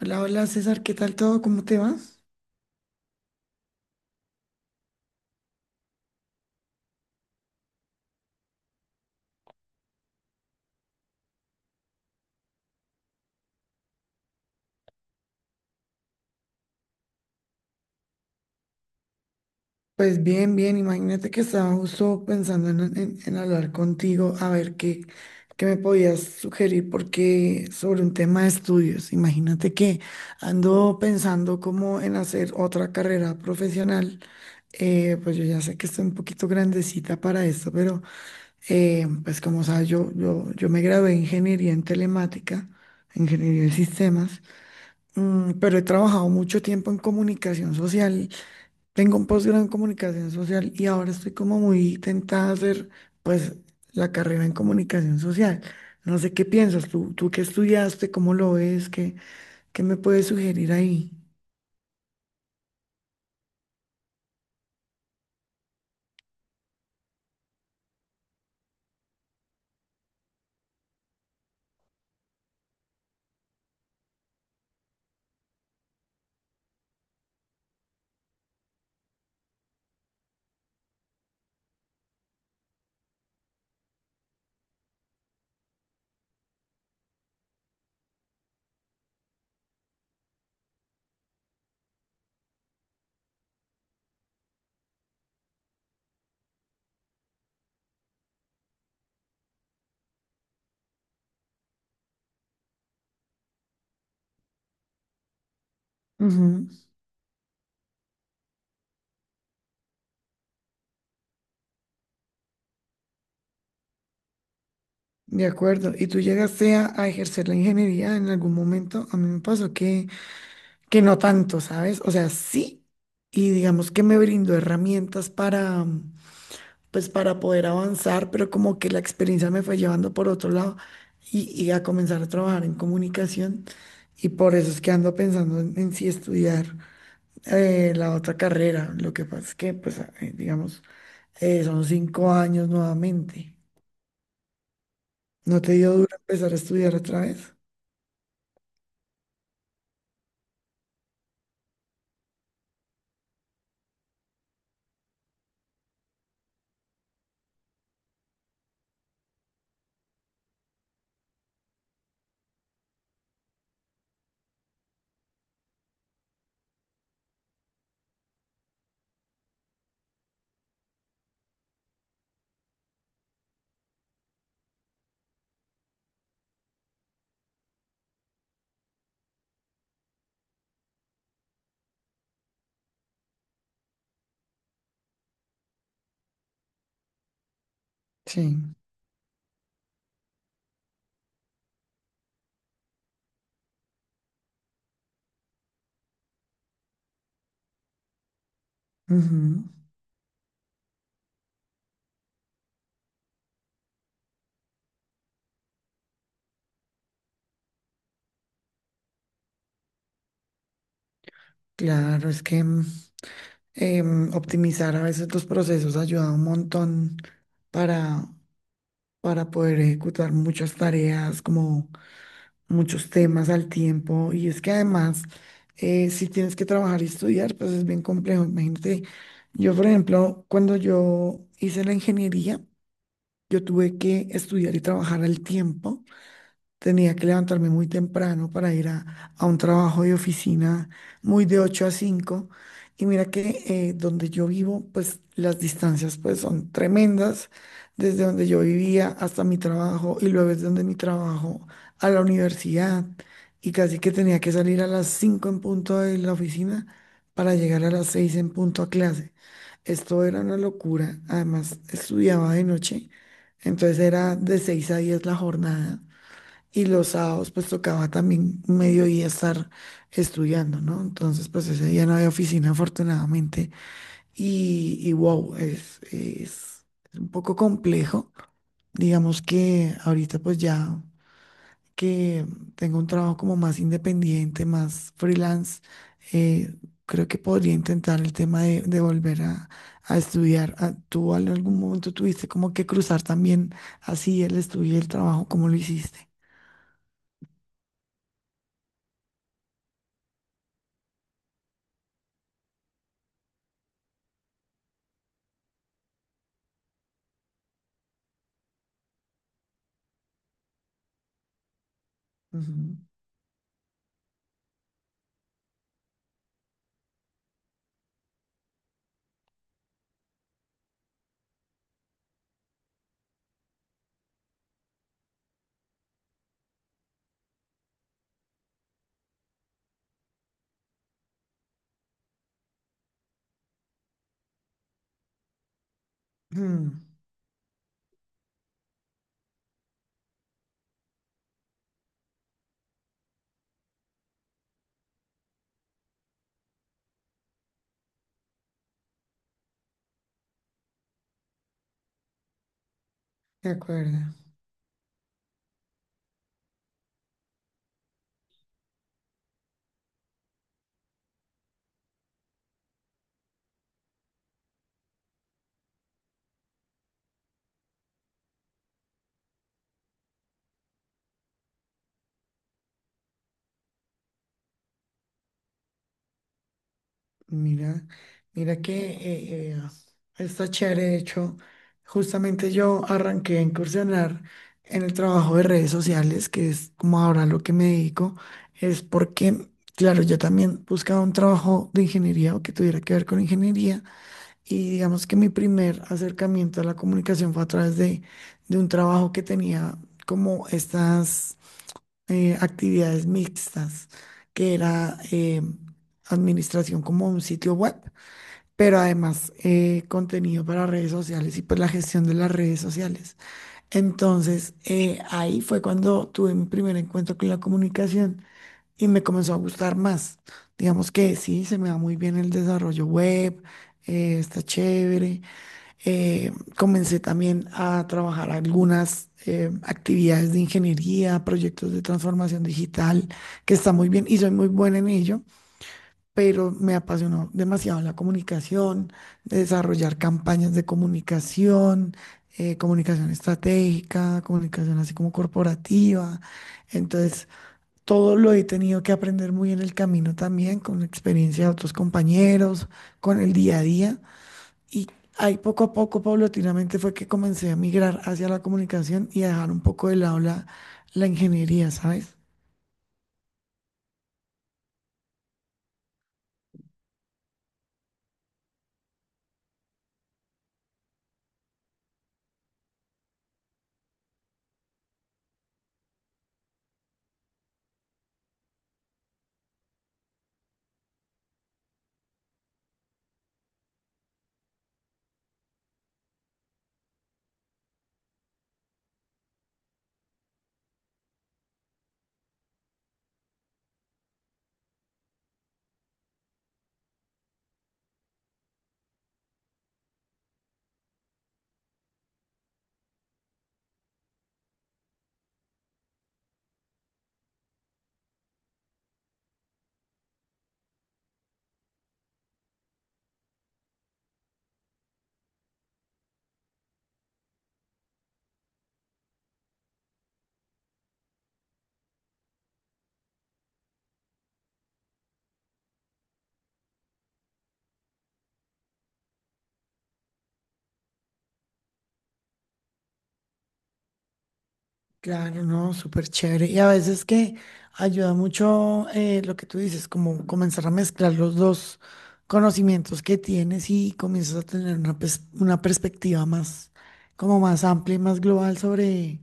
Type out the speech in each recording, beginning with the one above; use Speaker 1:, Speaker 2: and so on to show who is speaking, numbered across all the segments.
Speaker 1: Hola, hola César, ¿qué tal todo? ¿Cómo te vas? Pues bien, bien, imagínate que estaba justo pensando en hablar contigo, a ver qué me podías sugerir, porque sobre un tema de estudios, imagínate que ando pensando como en hacer otra carrera profesional. Pues yo ya sé que estoy un poquito grandecita para esto, pero pues como sabes, yo me gradué en ingeniería en telemática, ingeniería de sistemas. Pero he trabajado mucho tiempo en comunicación social. Tengo un posgrado en comunicación social y ahora estoy como muy tentada a hacer pues la carrera en comunicación social. No sé qué piensas tú, tú qué estudiaste, cómo lo ves, qué, me puedes sugerir ahí. Ujú. De acuerdo. ¿Y tú llegaste a ejercer la ingeniería en algún momento? A mí me pasó que no tanto, ¿sabes? O sea, sí, y digamos que me brindó herramientas para poder avanzar, pero como que la experiencia me fue llevando por otro lado y a comenzar a trabajar en comunicación. Y por eso es que ando pensando en, si estudiar la otra carrera. Lo que pasa es que, pues, digamos, son 5 años nuevamente. ¿No te dio duro empezar a estudiar otra vez? Sí. Ujú. Claro, es que optimizar a veces los procesos ayuda un montón para, para poder ejecutar muchas tareas como muchos temas al tiempo. Y es que además, si tienes que trabajar y estudiar, pues es bien complejo. Imagínate, yo por ejemplo cuando yo hice la ingeniería, yo tuve que estudiar y trabajar al tiempo. Tenía que levantarme muy temprano para ir a un trabajo de oficina muy de 8 a 5. Y mira que donde yo vivo, pues las distancias pues son tremendas, desde donde yo vivía hasta mi trabajo y luego desde donde mi trabajo a la universidad. Y casi que tenía que salir a las 5 en punto de la oficina para llegar a las 6 en punto a clase. Esto era una locura. Además, estudiaba de noche, entonces era de 6 a 10 la jornada. Y los sábados pues tocaba también mediodía estar estudiando, ¿no? Entonces pues ese día no había oficina afortunadamente, y wow, es un poco complejo. Digamos que ahorita pues ya que tengo un trabajo como más independiente, más freelance, eh, creo que podría intentar el tema de, volver a estudiar. Ah, ¿tú en algún momento tuviste como que cruzar también así el estudio y el trabajo? ¿Cómo lo hiciste? Ujú. Mm, de acuerdo. Mira, mira que está chévere. De hecho, justamente yo arranqué a incursionar en el trabajo de redes sociales, que es como ahora lo que me dedico, es porque, claro, yo también buscaba un trabajo de ingeniería o que tuviera que ver con ingeniería. Y digamos que mi primer acercamiento a la comunicación fue a través de un trabajo que tenía como estas actividades mixtas, que era administración como un sitio web, pero además contenido para redes sociales y pues la gestión de las redes sociales. Entonces, ahí fue cuando tuve mi primer encuentro con la comunicación y me comenzó a gustar más. Digamos que sí, se me da muy bien el desarrollo web, está chévere. Comencé también a trabajar algunas actividades de ingeniería, proyectos de transformación digital, que está muy bien y soy muy buena en ello, pero me apasionó demasiado la comunicación, desarrollar campañas de comunicación, comunicación estratégica, comunicación así como corporativa. Entonces, todo lo he tenido que aprender muy en el camino también, con la experiencia de otros compañeros, con el día a día. Y ahí poco a poco, paulatinamente, fue que comencé a migrar hacia la comunicación y a dejar un poco de lado la, ingeniería, ¿sabes? Claro, no, súper chévere. Y a veces que ayuda mucho lo que tú dices, como comenzar a mezclar los dos conocimientos que tienes y comienzas a tener una, una perspectiva más, como más amplia y más global sobre,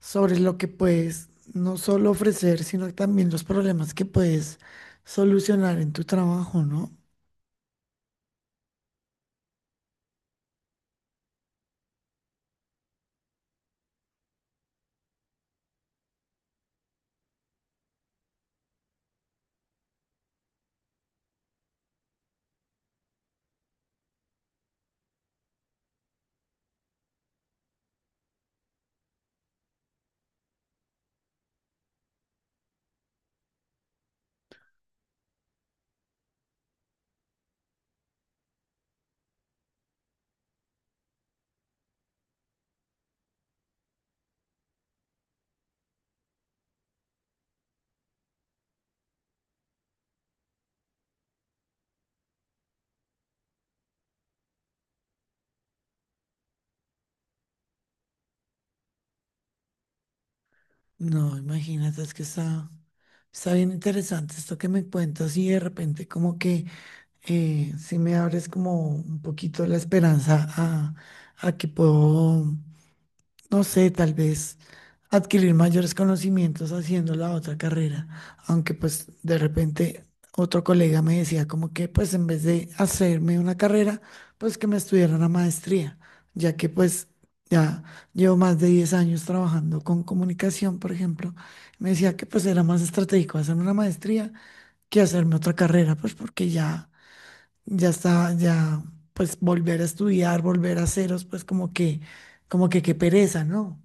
Speaker 1: sobre lo que puedes no solo ofrecer, sino también los problemas que puedes solucionar en tu trabajo, ¿no? No, imagínate, es que está, bien interesante esto que me cuentas. Y de repente como que si me abres como un poquito la esperanza a que puedo, no sé, tal vez adquirir mayores conocimientos haciendo la otra carrera, aunque pues de repente otro colega me decía como que pues en vez de hacerme una carrera, pues que me estudiara una maestría, ya que pues ya llevo más de 10 años trabajando con comunicación, por ejemplo. Me decía que pues era más estratégico hacerme una maestría que hacerme otra carrera, pues porque ya, ya está, ya pues volver a estudiar, volver a ceros, pues como que qué pereza, ¿no?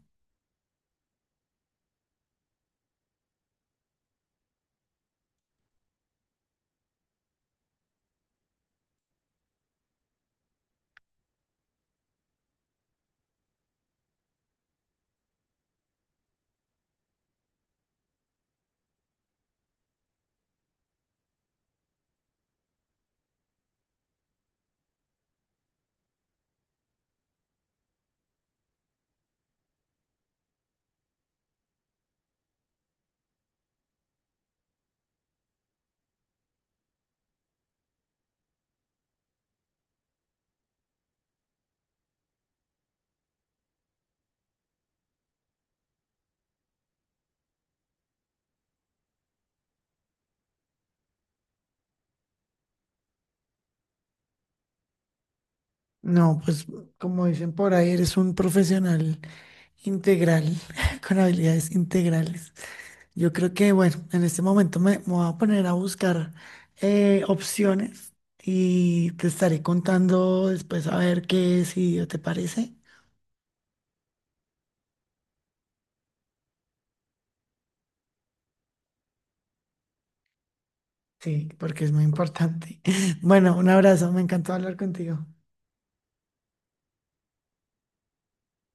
Speaker 1: No, pues como dicen por ahí, eres un profesional integral, con habilidades integrales. Yo creo que, bueno, en este momento me, voy a poner a buscar opciones y te estaré contando después a ver qué decidió, ¿te parece? Sí, porque es muy importante. Bueno, un abrazo, me encantó hablar contigo.